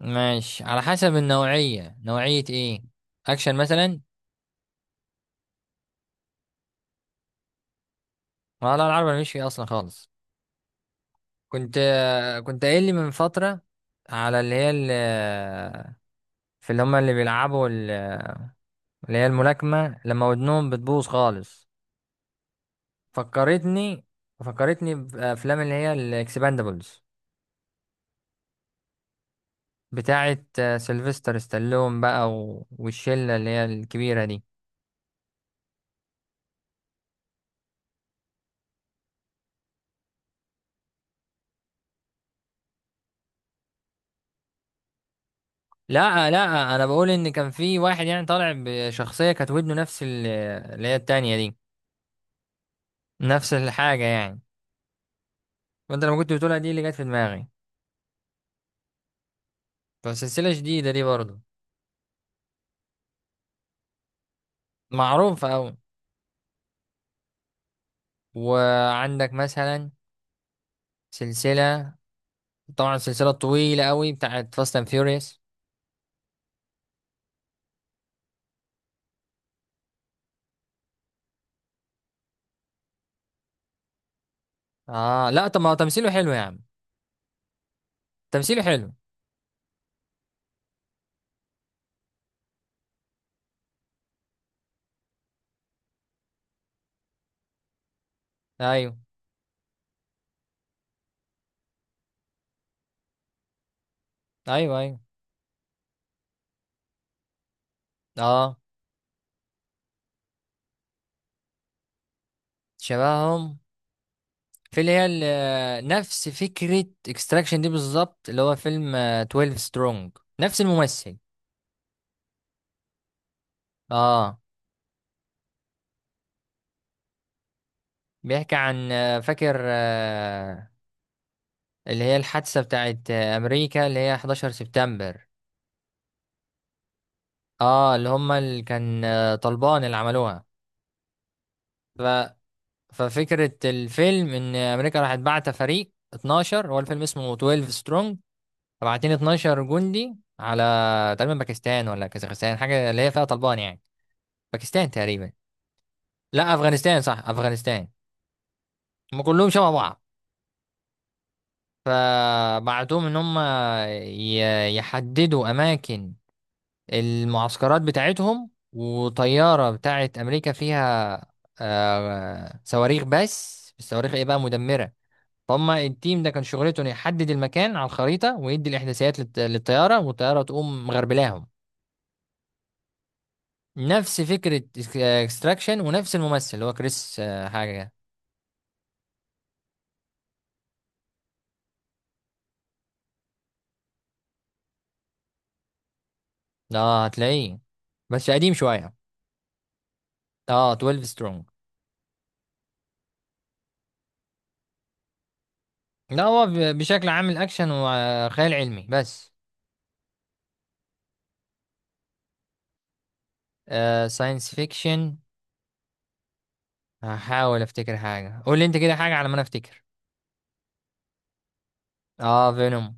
ماشي، على حسب النوعية. نوعية ايه؟ اكشن مثلا. لا لا، العربي مش فيه اصلا خالص. كنت كنت قايل لي من فترة على اللي هي في اللي هما اللي بيلعبوا اللي هي الملاكمة، لما ودنهم بتبوظ خالص. فكرتني فكرتني بأفلام اللي هي الإكسباندبلز، بتاعة سيلفستر ستالون بقى والشلة اللي هي الكبيرة دي. لا لا، أنا بقول إن كان في واحد يعني طالع بشخصية كانت ودنه نفس اللي هي التانية دي، نفس الحاجة يعني. وانت لما كنت بتقولها دي اللي جت في دماغي، فسلسلة جديدة دي برضه، معروفة أوي. وعندك مثلا سلسلة، طبعا سلسلة طويلة أوي بتاعت فاست اند فيوريوس. اه لا، طب ما هو تمثيله حلو يا عم. تمثيله حلو. ايوه، ايوه، ايوه. اه، شبههم في اللي هي نفس فكرة اكستراكشن دي بالظبط، اللي هو فيلم 12 سترونج. نفس الممثل. اه، بيحكي عن فاكر اللي هي الحادثة بتاعت أمريكا، اللي هي 11 سبتمبر. اه اللي هما اللي كان طالبان اللي عملوها. ف... ففكرة الفيلم إن أمريكا راح بعت فريق 12. هو الفيلم اسمه 12 سترونج. فبعتين 12 جندي على تقريبا باكستان ولا كازاخستان، حاجة اللي هي فيها طالبان يعني. باكستان تقريبا. لا، أفغانستان. صح، أفغانستان. هم كلهم شبه بعض. فبعتوهم إن هم يحددوا أماكن المعسكرات بتاعتهم، وطيارة بتاعت أمريكا فيها صواريخ، بس الصواريخ إيه بقى، مدمرة. فهم التيم ده كان شغلته إنه يحدد المكان على الخريطة ويدي الإحداثيات للطيارة، والطيارة تقوم مغربلاهم. نفس فكرة اكستراكشن ونفس الممثل، اللي هو كريس حاجة. ده هتلاقيه، بس قديم شوية. اه، 12 سترونج. لا، هو بشكل عام الأكشن وخيال علمي بس. ساينس فيكشن. هحاول افتكر حاجة، قول لي انت كده حاجة على ما انا افتكر. اه، فينوم.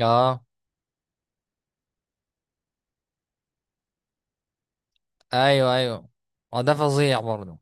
اه، ايوه، ايوه. اه، ده فظيع برضه.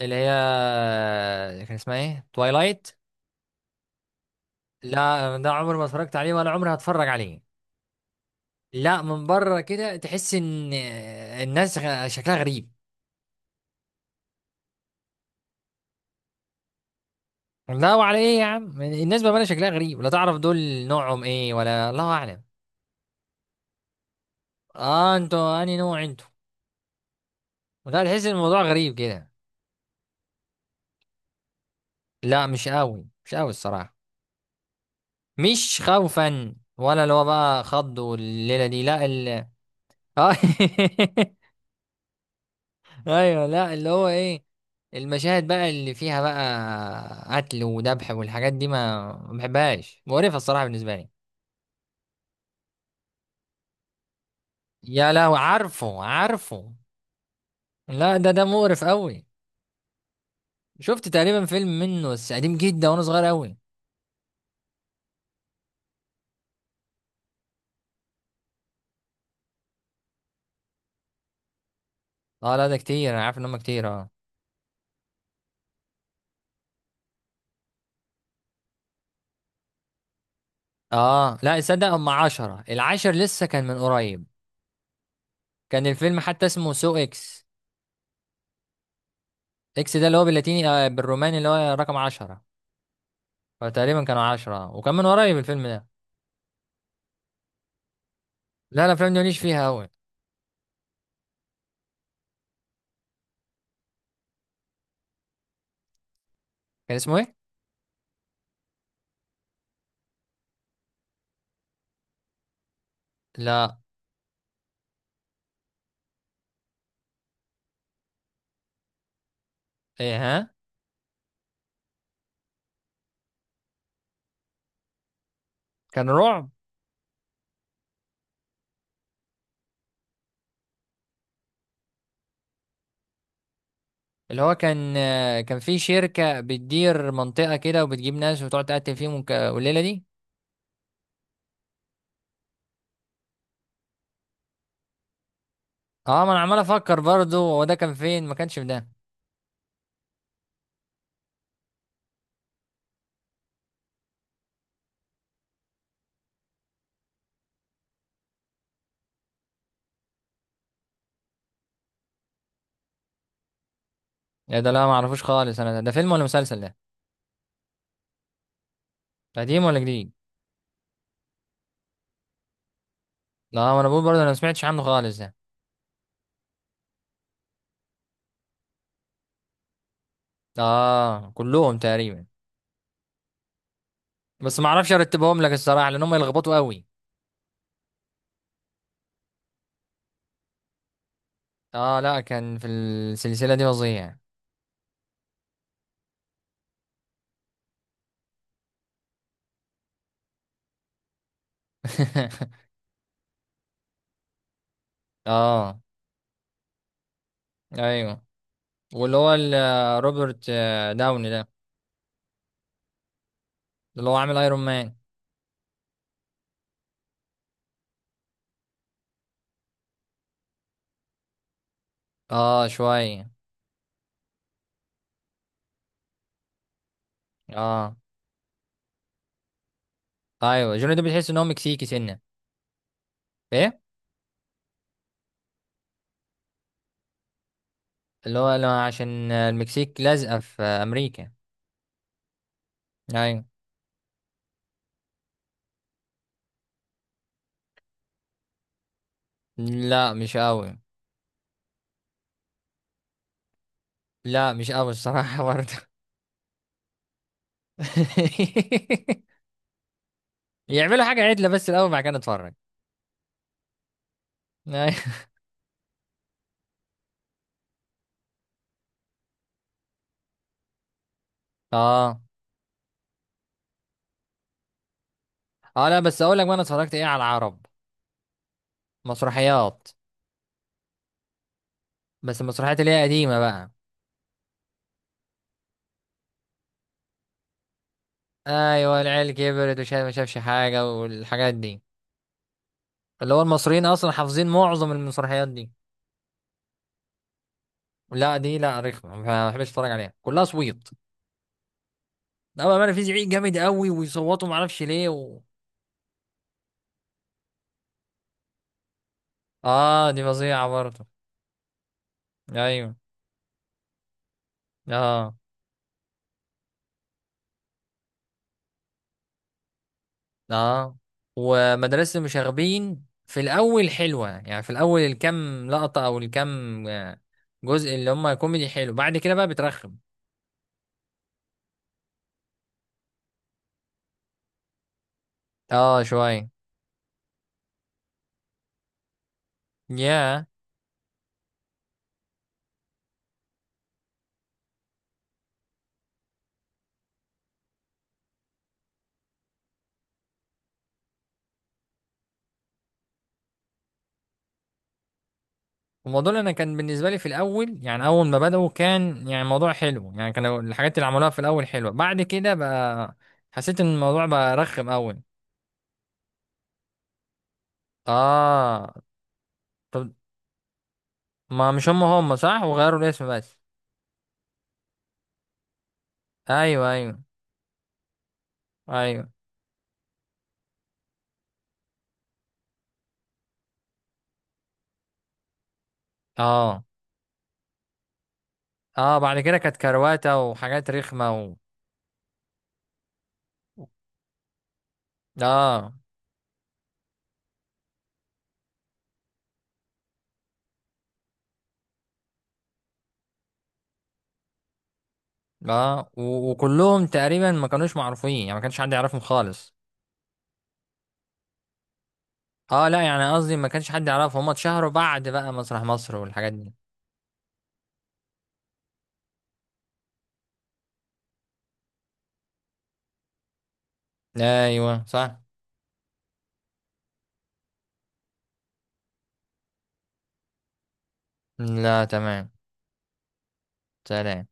اللي هي كان اسمها ايه، توايلايت؟ لا، ده عمري ما اتفرجت عليه ولا عمري هتفرج عليه. لا، من بره كده تحس ان الناس شكلها غريب. لا، وعلى ايه يا عم الناس بقى شكلها غريب. لا تعرف دول نوعهم ايه ولا الله اعلم. اه، انتوا انهي نوع انتوا؟ لا، تحس ان الموضوع غريب كده. لا، مش قوي، مش قوي الصراحة. مش خوفا ولا اللي هو بقى خض والليله دي لا آه. ايوه، لا اللي هو ايه، المشاهد بقى اللي فيها بقى قتل وذبح والحاجات دي، ما بحبهاش. مقرفه الصراحه بالنسبه لي. يا لهوي، عارفه، عارفه. لا، ده مقرف قوي. شفت تقريبا فيلم منه بس قديم جدا وانا صغير قوي. اه لا، ده كتير، انا عارف ان هم كتير، اه. اه، لا تصدق، هم عشرة، العاشر لسه كان من قريب. كان الفيلم حتى اسمه سو اكس. اكس ده اللي هو باللاتيني بالروماني، اللي هو رقم عشرة. فتقريبا كانوا عشرة وكان من قريب الفيلم ده. لا، الافلام دي ماليش فيها قوي. كان اسمه ايه؟ لا، ايه؟ ها، كان رعب. اللي هو كان كان في شركة بتدير منطقة كده وبتجيب ناس وتقعد تقتل فيهم والليلة دي. اه، ما انا عمال افكر برضه، هو ده كان فين، ما كانش في ده. إيه ده؟ لا، ما اعرفوش خالص انا، ده فيلم ولا مسلسل ده؟ قديم ولا جديد؟ لا، ما انا بقول برضه انا ما سمعتش عنه خالص ده. اه، كلهم تقريبا. بس ما اعرفش ارتبهم لك الصراحة، لان هم يلخبطوا قوي. اه، لا كان في السلسلة دي فظيع. اه، ايوه. واللي هو روبرت داوني ده، اللي هو عامل ايرون مان. اه، شوية. اه، ايوه، جوني ده بتحس ان هو مكسيكي سنة. ايه، اللي هو لا، عشان المكسيك لازقة في امريكا. ايوه. لا، مش قوي. لا، مش قوي الصراحة برضه. يعملوا حاجة عدلة بس الاول، بعد كده نتفرج. أيوة. اه. اه، لا بس اقول لك بقى انا اتفرجت ايه على العرب، مسرحيات. بس المسرحيات اللي هي قديمة بقى. ايوه، العيال كبرت، وشاف ما شافش حاجة، والحاجات دي. اللي هو المصريين اصلا حافظين معظم المسرحيات دي. لا، دي لا، رخمة. ما بحبش اتفرج عليها، كلها صويت. لا، بقى في زعيق جامد قوي ويصوتوا ما اعرفش ليه اه، دي فظيعة برضه. ايوه. اه. اه، ومدرسة المشاغبين في الاول حلوة يعني، في الاول الكام لقطة او الكام آه، جزء اللي هم كوميدي حلو، بعد كده بقى بترخم. اه، شوية. ياه. الموضوع اللي انا كان بالنسبه لي في الاول يعني، اول ما بداوا كان يعني موضوع حلو يعني، كانوا الحاجات اللي عملوها في الاول حلوه، بعد كده بقى حسيت ان الموضوع بقى رخم قوي. اه، طب ما مش هم هم صح، وغيروا الاسم بس. ايوه، ايوه، ايوه. اه. اه، بعد كده كانت كرواته وحاجات رخمه اه. اه وكلهم تقريبا ما كانوش معروفين يعني، ما كانش حد يعرفهم خالص. اه لا، يعني قصدي ما كانش حد يعرفهم، هم اتشهروا بعد بقى مسرح مصر والحاجات دي. ايوه صح. لا تمام. سلام.